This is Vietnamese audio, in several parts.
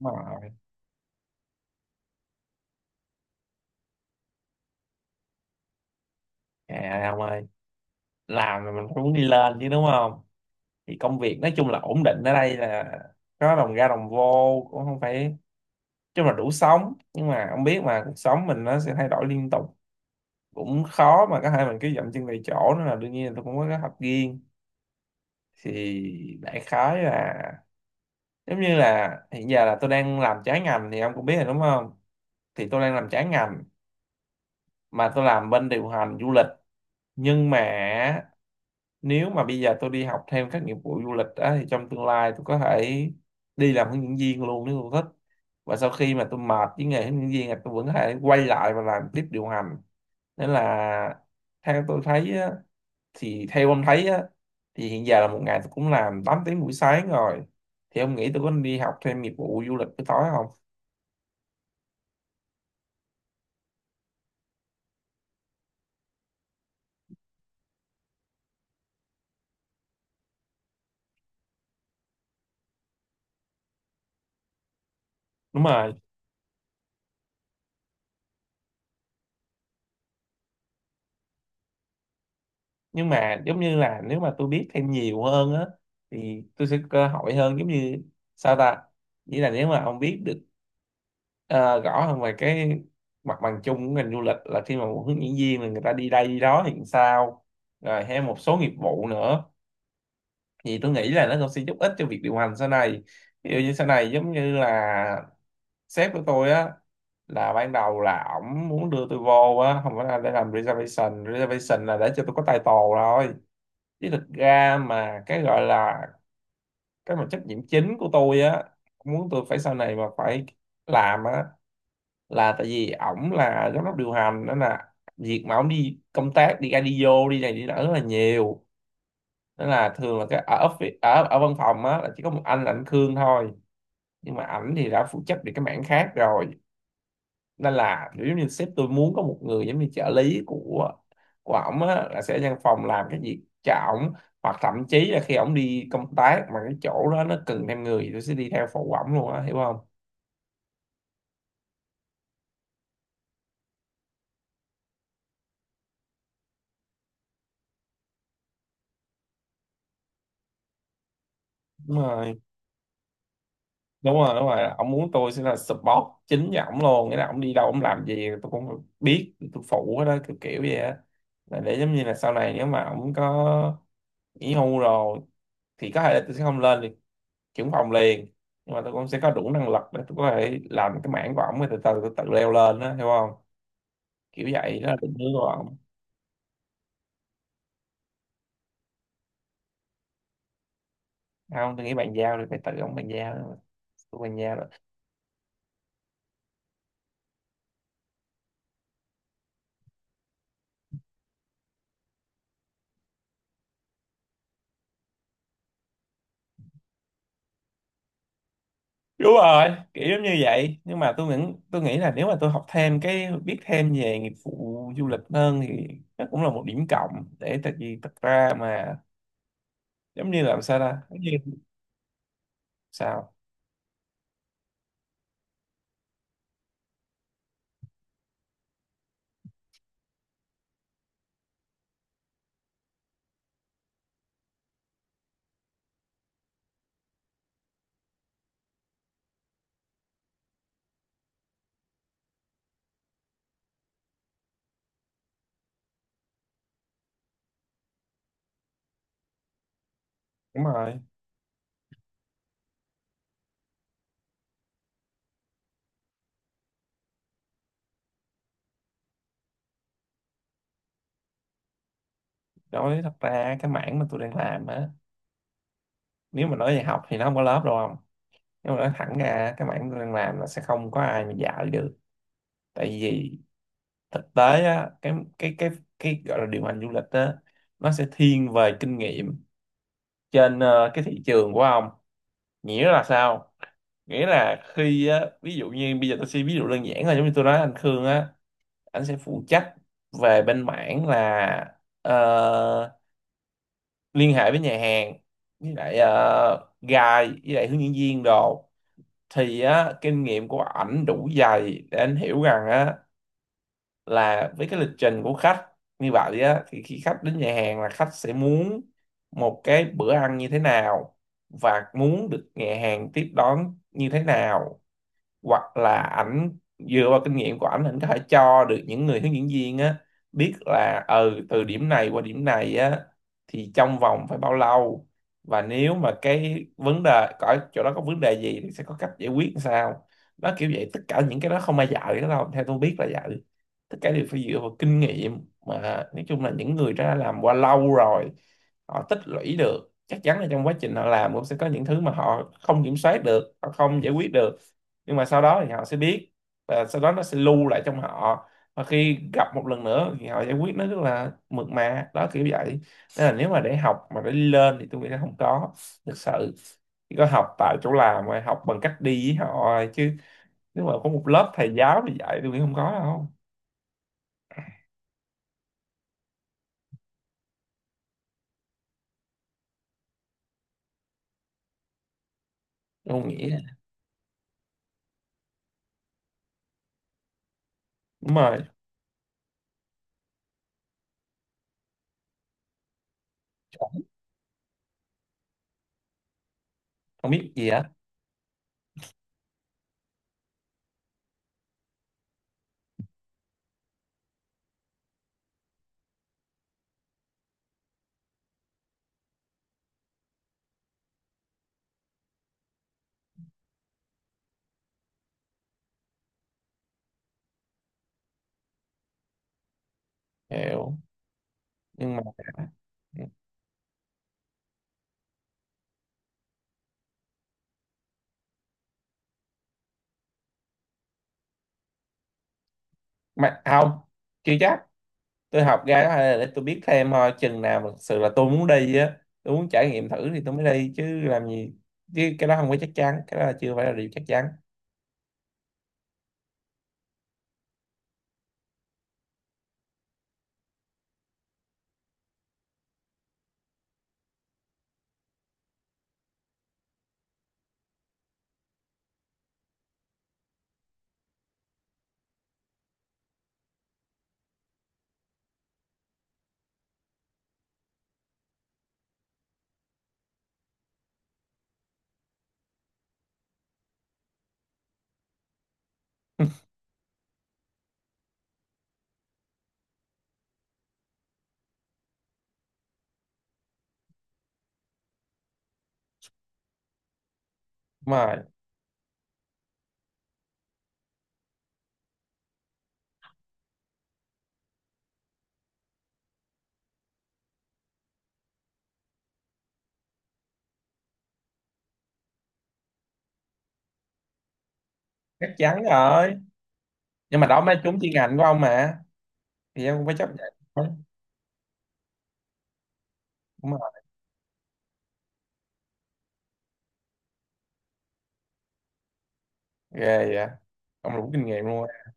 Đúng rồi. trời ông ơi, làm mà mình cũng muốn đi lên chứ, đúng không? Thì công việc nói chung là ổn định, ở đây là có đồng ra đồng vô, cũng không phải, nói chung là đủ sống. Nhưng mà ông biết mà, cuộc sống mình nó sẽ thay đổi liên tục, cũng khó mà có thể mình cứ dậm chân tại chỗ, nên là đương nhiên là tôi cũng có kế hoạch riêng. Thì đại khái là giống như là hiện giờ là tôi đang làm trái ngành, thì ông cũng biết rồi đúng không? Thì tôi đang làm trái ngành, mà tôi làm bên điều hành du lịch. Nhưng mà nếu mà bây giờ tôi đi học thêm các nghiệp vụ du lịch á, thì trong tương lai tôi có thể đi làm hướng dẫn viên luôn, nếu tôi thích. Và sau khi mà tôi mệt với nghề hướng dẫn viên là tôi vẫn có thể quay lại và làm tiếp điều hành. Nên là theo tôi thấy á, thì theo ông thấy á, thì hiện giờ là một ngày tôi cũng làm 8 tiếng buổi sáng rồi, thì ông nghĩ tôi có nên đi học thêm nghiệp vụ du lịch buổi tối không? Đúng rồi. Nhưng mà giống như là nếu mà tôi biết thêm nhiều hơn á, thì tôi sẽ có cơ hội hơn. Giống như sao ta, nghĩa là nếu mà ông biết được ờ, rõ hơn về cái mặt bằng chung của ngành du lịch, là khi mà một hướng dẫn viên là người ta đi đây đi đó thì sao, rồi hay một số nghiệp vụ nữa, thì tôi nghĩ là nó cũng sẽ giúp ích cho việc điều hành sau này. Ví dụ như sau này giống như là sếp của tôi á, là ban đầu là ổng muốn đưa tôi vô á, không phải là để làm reservation. Reservation là để cho tôi có title rồi, chứ thực ra mà cái gọi là cái mà trách nhiệm chính của tôi á, muốn tôi phải sau này mà phải làm á, là tại vì ổng là giám đốc điều hành, nên là việc mà ổng đi công tác, đi ra đi vô đi này đi nọ rất là nhiều, nên là thường là cái ở office, ở ở văn phòng á là chỉ có một anh là anh Khương thôi. Nhưng mà ảnh thì đã phụ trách về cái mảng khác rồi, nên là kiểu giống như sếp tôi muốn có một người giống như trợ lý của ổng á, là sẽ ở văn phòng làm cái việc cho ổng, hoặc thậm chí là khi ổng đi công tác mà cái chỗ đó nó cần thêm người thì tôi sẽ đi theo phụ ổng luôn á, hiểu không? Đúng rồi, đúng rồi, đúng rồi. Ông muốn tôi sẽ là support chính cho ổng luôn, nghĩa là ổng đi đâu ổng làm gì tôi cũng biết, tôi phụ hết đó, kiểu kiểu vậy á. Là để giống như là sau này nếu mà ổng có nghỉ hưu rồi, thì có thể là tôi sẽ không lên được trưởng phòng liền, nhưng mà tôi cũng sẽ có đủ năng lực để tôi có thể làm cái mảng của ổng, rồi từ từ tôi tự leo lên đó, hiểu không? Kiểu vậy đó là định hướng của ổng. Không, tôi nghĩ bàn giao thì phải tự ổng bàn giao đó, tôi bàn giao. Đúng rồi, kiểu giống như vậy. Nhưng mà tôi nghĩ là nếu mà tôi học thêm cái, biết thêm về nghiệp vụ du lịch hơn, thì nó cũng là một điểm cộng để, tại vì thật ra mà, giống như làm sao ta, giống như sao? Đúng rồi. Đối với, thật ra cái mảng mà tôi đang làm á, nếu mà nói về học thì nó không có lớp đâu, không. Nhưng mà nói thẳng ra cái mảng tôi đang làm là sẽ không có ai mà dạy được, tại vì thực tế á, cái gọi là điều hành du lịch á, nó sẽ thiên về kinh nghiệm trên cái thị trường của ông. Nghĩa là sao? Nghĩa là khi á, ví dụ như bây giờ tôi sẽ ví dụ đơn giản, là giống như tôi nói anh Khương á, anh sẽ phụ trách về bên mảng là ờ, liên hệ với nhà hàng, với lại guide, với lại hướng dẫn viên đồ, thì á, kinh nghiệm của ảnh đủ dày để anh hiểu rằng á, là với cái lịch trình của khách như vậy á, thì khi khách đến nhà hàng là khách sẽ muốn một cái bữa ăn như thế nào và muốn được nhà hàng tiếp đón như thế nào. Hoặc là ảnh dựa vào kinh nghiệm của ảnh, ảnh có thể cho được những người hướng dẫn viên á biết là, ừ, từ điểm này qua điểm này á thì trong vòng phải bao lâu, và nếu mà cái vấn đề có chỗ đó có vấn đề gì thì sẽ có cách giải quyết làm sao. Đó kiểu vậy, tất cả những cái đó không ai dạy cái đó đâu, theo tôi biết là dạy, tất cả đều phải dựa vào kinh nghiệm mà. Nói chung là những người đã làm qua lâu rồi, họ tích lũy được, chắc chắn là trong quá trình họ làm cũng sẽ có những thứ mà họ không kiểm soát được, họ không giải quyết được, nhưng mà sau đó thì họ sẽ biết, và sau đó nó sẽ lưu lại trong họ, và khi gặp một lần nữa thì họ giải quyết nó rất là mượt mà, đó kiểu vậy. Nên là nếu mà để học mà để đi lên thì tôi nghĩ nó không có thực sự, chỉ có học tại chỗ làm, rồi học bằng cách đi với họ rồi, chứ nếu mà có một lớp thầy giáo thì dạy, tôi nghĩ không có đâu. Tôi không nghĩ. Đúng rồi. Không biết gì hết. Hiểu. Nhưng mà không, chưa chắc. Tôi học ra đó là để tôi biết thêm thôi, chừng nào mà thực sự là tôi muốn đi á, tôi muốn trải nghiệm thử thì tôi mới đi, chứ làm gì, chứ cái đó không có chắc chắn, cái đó là chưa phải là điều chắc chắn. Đúng rồi. Chắc chắn rồi. Nhưng mà đó mới trúng chuyên ngành của ông mà. Thì ông cũng phải chấp nhận thôi. Đúng rồi. Ghê vậy, ông đủ kinh nghiệm luôn á.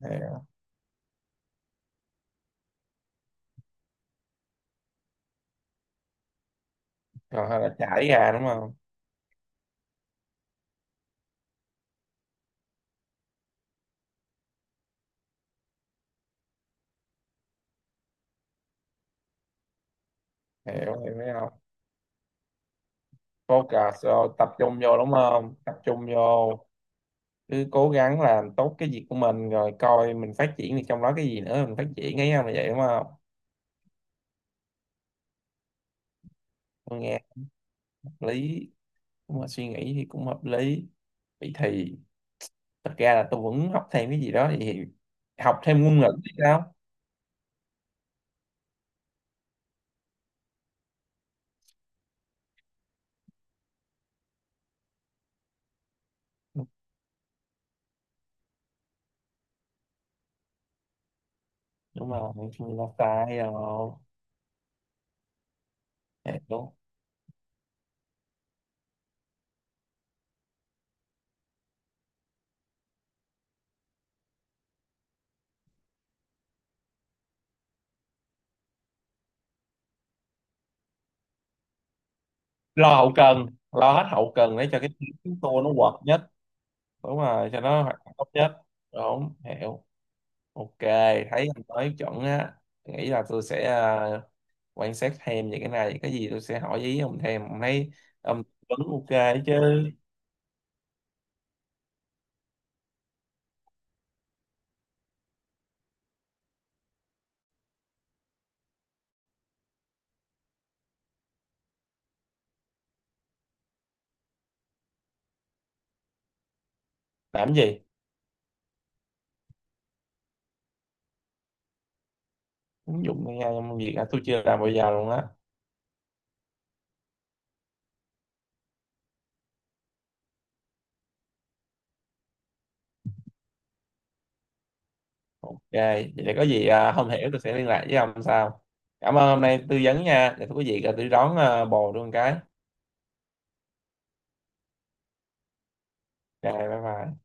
Hiểu. Còn hay là trải ra đúng không? Hiểu, hiểu, thấy không. Focus vô, tập trung vô đúng không, tập trung vô, cứ cố gắng làm tốt cái việc của mình rồi coi mình phát triển thì trong đó cái gì nữa mình phát triển ấy, không là vậy đúng không? Tôi nghe hợp lý. Nếu mà suy nghĩ thì cũng hợp lý. Vậy thì thật ra là tôi vẫn học thêm cái gì đó thì, học thêm ngôn ngữ thì sao? Đúng rồi mình là sai rồi. Đúng. Lo hậu cần, lo hết hậu cần để cho cái team chúng tôi nó hoạt nhất. Đúng rồi, cho nó hoạt động tốt nhất. Đúng, hiểu. OK. Thấy anh nói chuẩn á, nghĩ là tôi sẽ à, quan sát thêm về cái này, cái gì tôi sẽ hỏi ý ông thêm. Ông thấy ông vẫn OK chứ? Làm gì? Ứng dụng AI trong việc à, tôi chưa làm bao giờ luôn á. OK vậy để có gì à, không hiểu tôi sẽ liên lạc với ông sau. Cảm ơn hôm nay tư vấn nha, để thưa quý vị à, tôi đón à, bồ luôn cái. Rồi, bye bye.